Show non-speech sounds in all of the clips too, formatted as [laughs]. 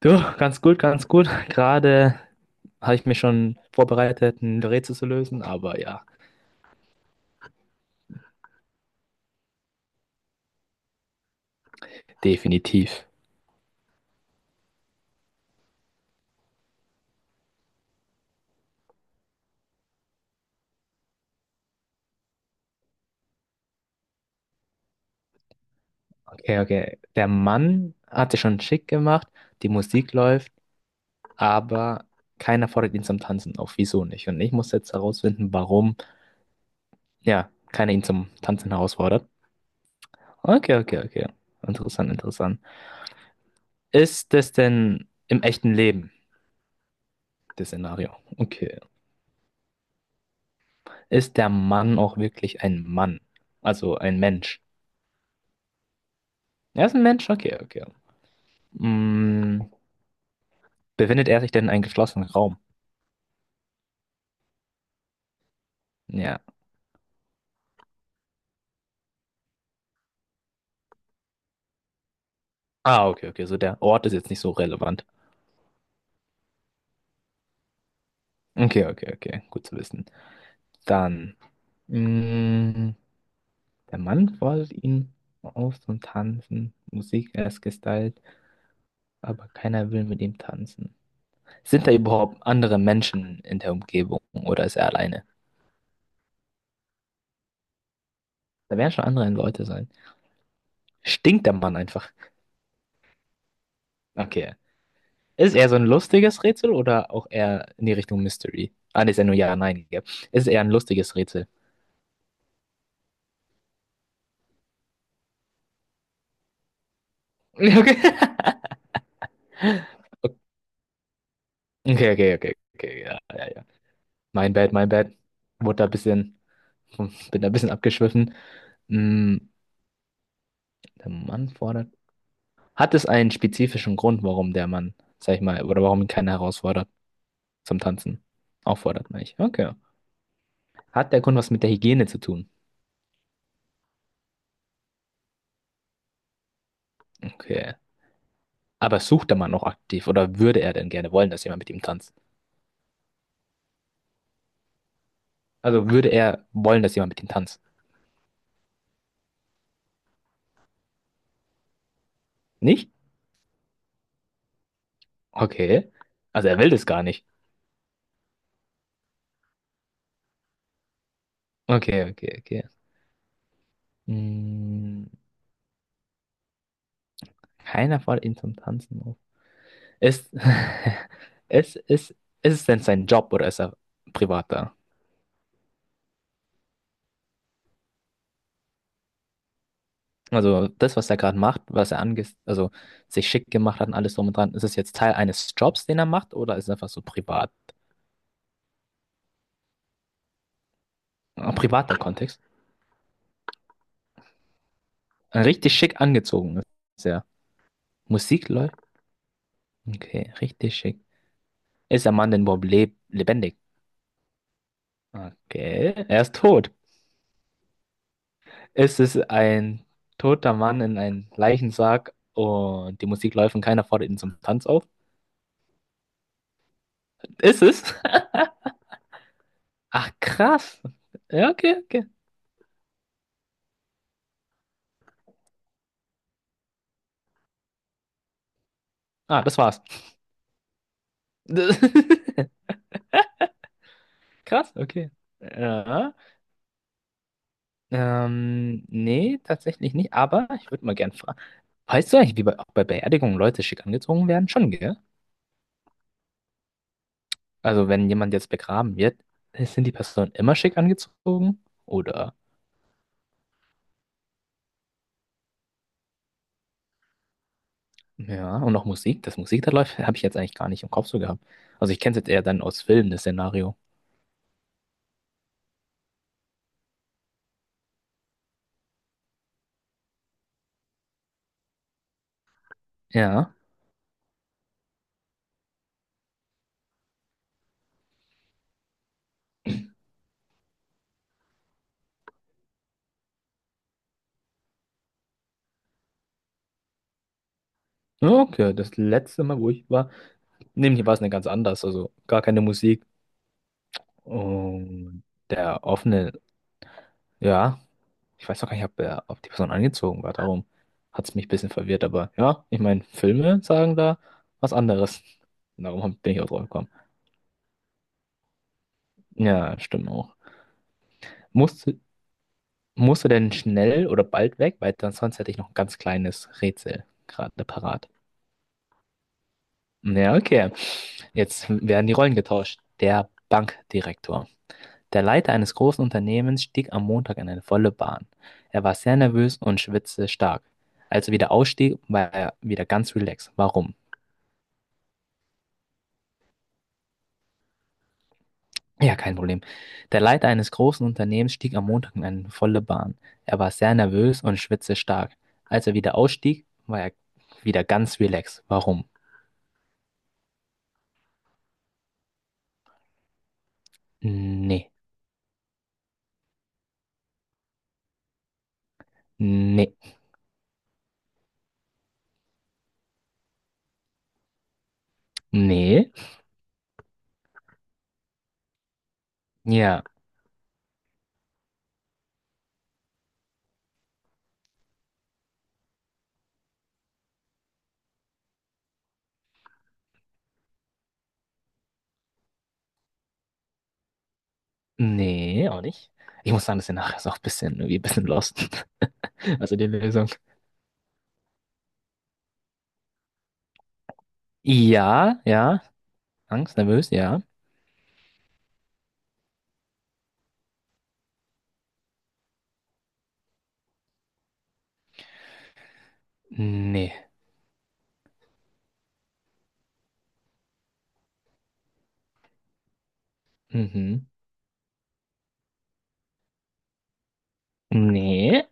Du, ganz gut, ganz gut. Gerade habe ich mich schon vorbereitet, ein Rätsel zu lösen, aber ja, definitiv. Okay, okay. Der Mann hat sich schon schick gemacht, die Musik läuft, aber keiner fordert ihn zum Tanzen auf. Wieso nicht? Und ich muss jetzt herausfinden, warum, ja, keiner ihn zum Tanzen herausfordert. Okay, okay, okay. Interessant, interessant. Ist das denn im echten Leben, das Szenario? Okay. Ist der Mann auch wirklich ein Mann? Also ein Mensch? Er ist ein Mensch, okay, okay. Mm, befindet er sich denn in einem geschlossenen Raum? Ja. Ah, okay, okay. So der Ort ist jetzt nicht so relevant. Okay, okay, okay. Gut zu wissen. Dann. Mm, der Mann fordert ihn auf zum Tanzen. Musik ist gestylt, aber keiner will mit ihm tanzen. Sind da überhaupt andere Menschen in der Umgebung oder ist er alleine? Da werden schon andere Leute sein. Stinkt der Mann einfach. Okay, ist es eher so ein lustiges Rätsel oder auch eher in die Richtung Mystery? Ah, ne, ist ja nur ja, nein, gell? Ist es eher ein lustiges Rätsel? [laughs] Okay, okay, okay, okay, okay, ja, ja, ja. Mein Bad, mein Bad. Wurde da ein bisschen, bin da ein bisschen abgeschwiffen. Mm, der Mann fordert. Hat es einen spezifischen Grund, warum der Mann, sag ich mal, oder warum ihn keiner herausfordert zum Tanzen? Auffordert, meine ich. Okay. Hat der Grund was mit der Hygiene zu tun? Okay. Aber sucht der Mann auch aktiv oder würde er denn gerne wollen, dass jemand mit ihm tanzt? Also würde er wollen, dass jemand mit ihm tanzt? Nicht? Okay. Also er will das gar nicht. Okay, okay, okay. Hm, keiner fordert ihn zum Tanzen auf. Ist, [laughs] ist [laughs] es denn sein Job oder ist er privat da? Also das, was er gerade macht, was er ange also sich schick gemacht hat und alles drum und dran, ist es jetzt Teil eines Jobs, den er macht, oder ist es einfach so privat? Ein privater Kontext. Ein richtig schick angezogen ist er. Musik läuft? Okay, richtig schick. Ist der Mann denn überhaupt lebendig? Okay, er ist tot. Es ist ein toter Mann in einem Leichensarg und die Musik läuft und keiner fordert ihn zum Tanz auf. Ist es? [laughs] Ach, krass. Ja, okay, okay. Ah, das war's. [laughs] Krass, okay. Ja, nee, tatsächlich nicht, aber ich würde mal gern fragen. Weißt du eigentlich, wie bei, auch bei Beerdigungen Leute schick angezogen werden? Schon, gell? Also, wenn jemand jetzt begraben wird, sind die Personen immer schick angezogen? Oder? Ja, und auch Musik, das Musik da läuft, habe ich jetzt eigentlich gar nicht im Kopf so gehabt. Also ich kenne es jetzt eher dann aus Filmen, das Szenario. Ja. Okay, das letzte Mal, wo ich war, nämlich hier war es eine ganz anders, also gar keine Musik. Und der offene, ja, ich weiß auch gar nicht, ob, er, ob die Person angezogen war, darum hat es mich ein bisschen verwirrt, aber ja, ich meine, Filme sagen da was anderes. Darum bin ich auch drauf gekommen. Ja, stimmt auch. Muss, Musst du denn schnell oder bald weg? Weil dann sonst hätte ich noch ein ganz kleines Rätsel gerade parat. Ja, okay. Jetzt werden die Rollen getauscht. Der Bankdirektor. Der Leiter eines großen Unternehmens stieg am Montag in eine volle Bahn. Er war sehr nervös und schwitzte stark. Als er wieder ausstieg, war er wieder ganz relaxed. Warum? Ja, kein Problem. Der Leiter eines großen Unternehmens stieg am Montag in eine volle Bahn. Er war sehr nervös und schwitzte stark. Als er wieder ausstieg, war er wieder ganz relaxed. Warum? Nee, nee, nee, ja, nee, auch nicht. Ich muss sagen, das nachher ist auch ein bisschen, irgendwie ein bisschen lost. [laughs] Also die Lösung. Ja, ja, Angst, nervös, ja. Nee, mhm. Nee,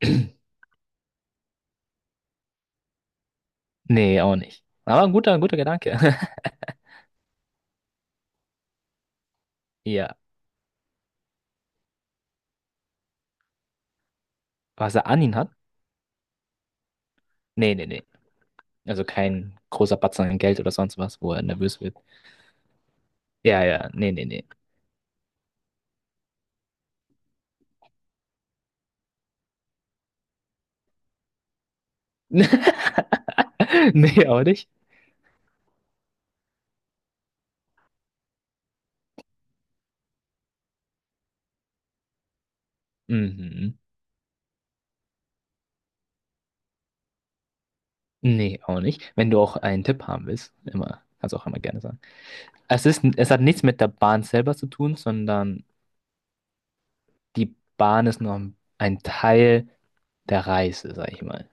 [clears throat] nee, auch nicht. Aber ein guter, guter Gedanke. [laughs] Ja, was er an ihn hat? Nee, nee, nee. Also kein großer Batzen an Geld oder sonst was, wo er nervös wird. Ja, ja, nee, nee, nee. [laughs] Nee, auch nicht. Mhm. Nee, auch nicht. Wenn du auch einen Tipp haben willst, immer, kannst auch immer gerne sagen. Es ist, es hat nichts mit der Bahn selber zu tun, sondern die Bahn ist nur ein Teil der Reise, sag ich mal.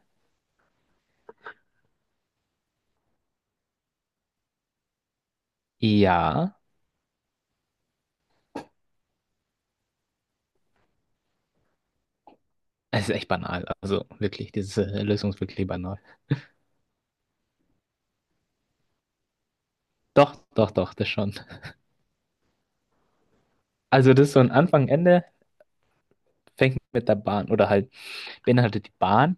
Ja, es ist echt banal. Also wirklich, diese Lösung ist wirklich banal. Doch, doch, doch, das schon. Also das ist so ein Anfang, Ende, fängt mit der Bahn oder halt beinhaltet die Bahn.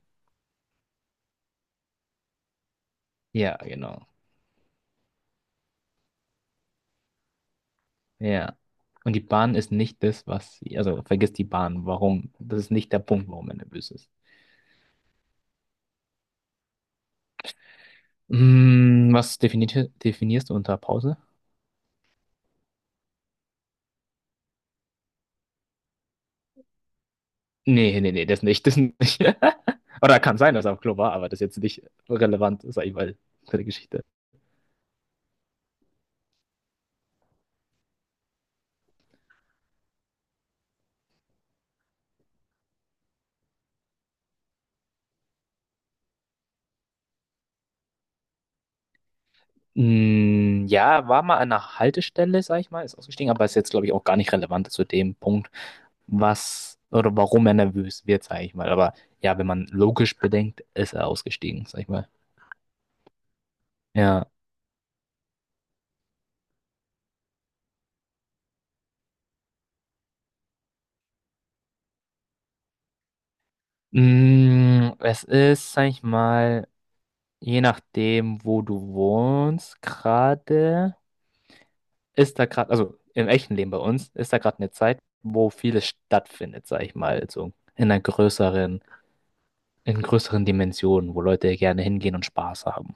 Ja, genau. Ja. Und die Bahn ist nicht das, was sie, also vergiss die Bahn, warum. Das ist nicht der Punkt, warum er nervös ist. Hm, was definierst du unter Pause? Nee, nee, nee, das nicht, das nicht. [laughs] Oder kann sein, dass er auf Klo war, aber das ist jetzt nicht relevant, sag ich mal, für die Geschichte. Hm, ja, war mal an einer Haltestelle, sag ich mal, ist ausgestiegen, aber ist jetzt, glaube ich, auch gar nicht relevant zu dem Punkt, was oder warum er nervös wird, sag ich mal. Aber ja, wenn man logisch bedenkt, ist er ausgestiegen, sag ich mal. Ja. Mm, es ist, sag ich mal, je nachdem, wo du wohnst, gerade. Ist da gerade, also im echten Leben bei uns, ist da gerade eine Zeit, wo vieles stattfindet, sag ich mal, so in einer größeren, in größeren Dimensionen, wo Leute gerne hingehen und Spaß haben.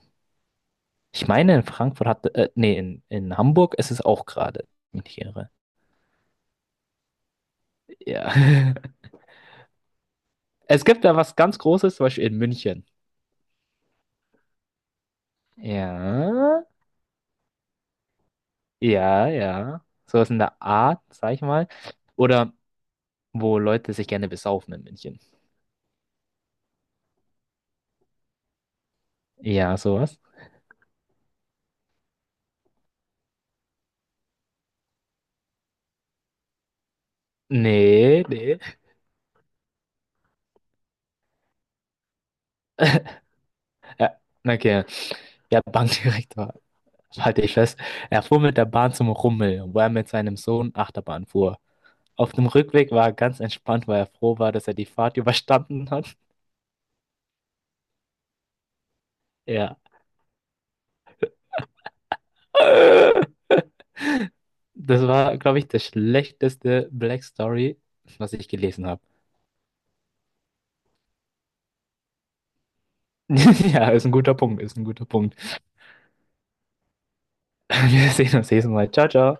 Ich meine, in Frankfurt hat, in Hamburg ist es auch gerade, wenn ich mich nicht irre. Ja. [laughs] Es gibt da was ganz Großes, zum Beispiel in München. Ja, ja, ja. Sowas in der Art, sag ich mal. Oder wo Leute sich gerne besaufen in München. Ja, sowas. Nee, nee. Ja, okay. Der Bankdirektor, [laughs] halte ich fest, er fuhr mit der Bahn zum Rummel, wo er mit seinem Sohn Achterbahn fuhr. Auf dem Rückweg war er ganz entspannt, weil er froh war, dass er die Fahrt [laughs] überstanden hat. Ja. [laughs] Das war, glaube ich, das schlechteste Black Story, was ich gelesen habe. [laughs] Ja, ist ein guter Punkt, ist ein guter Punkt. Wir sehen uns nächstes Mal. Ciao, ciao.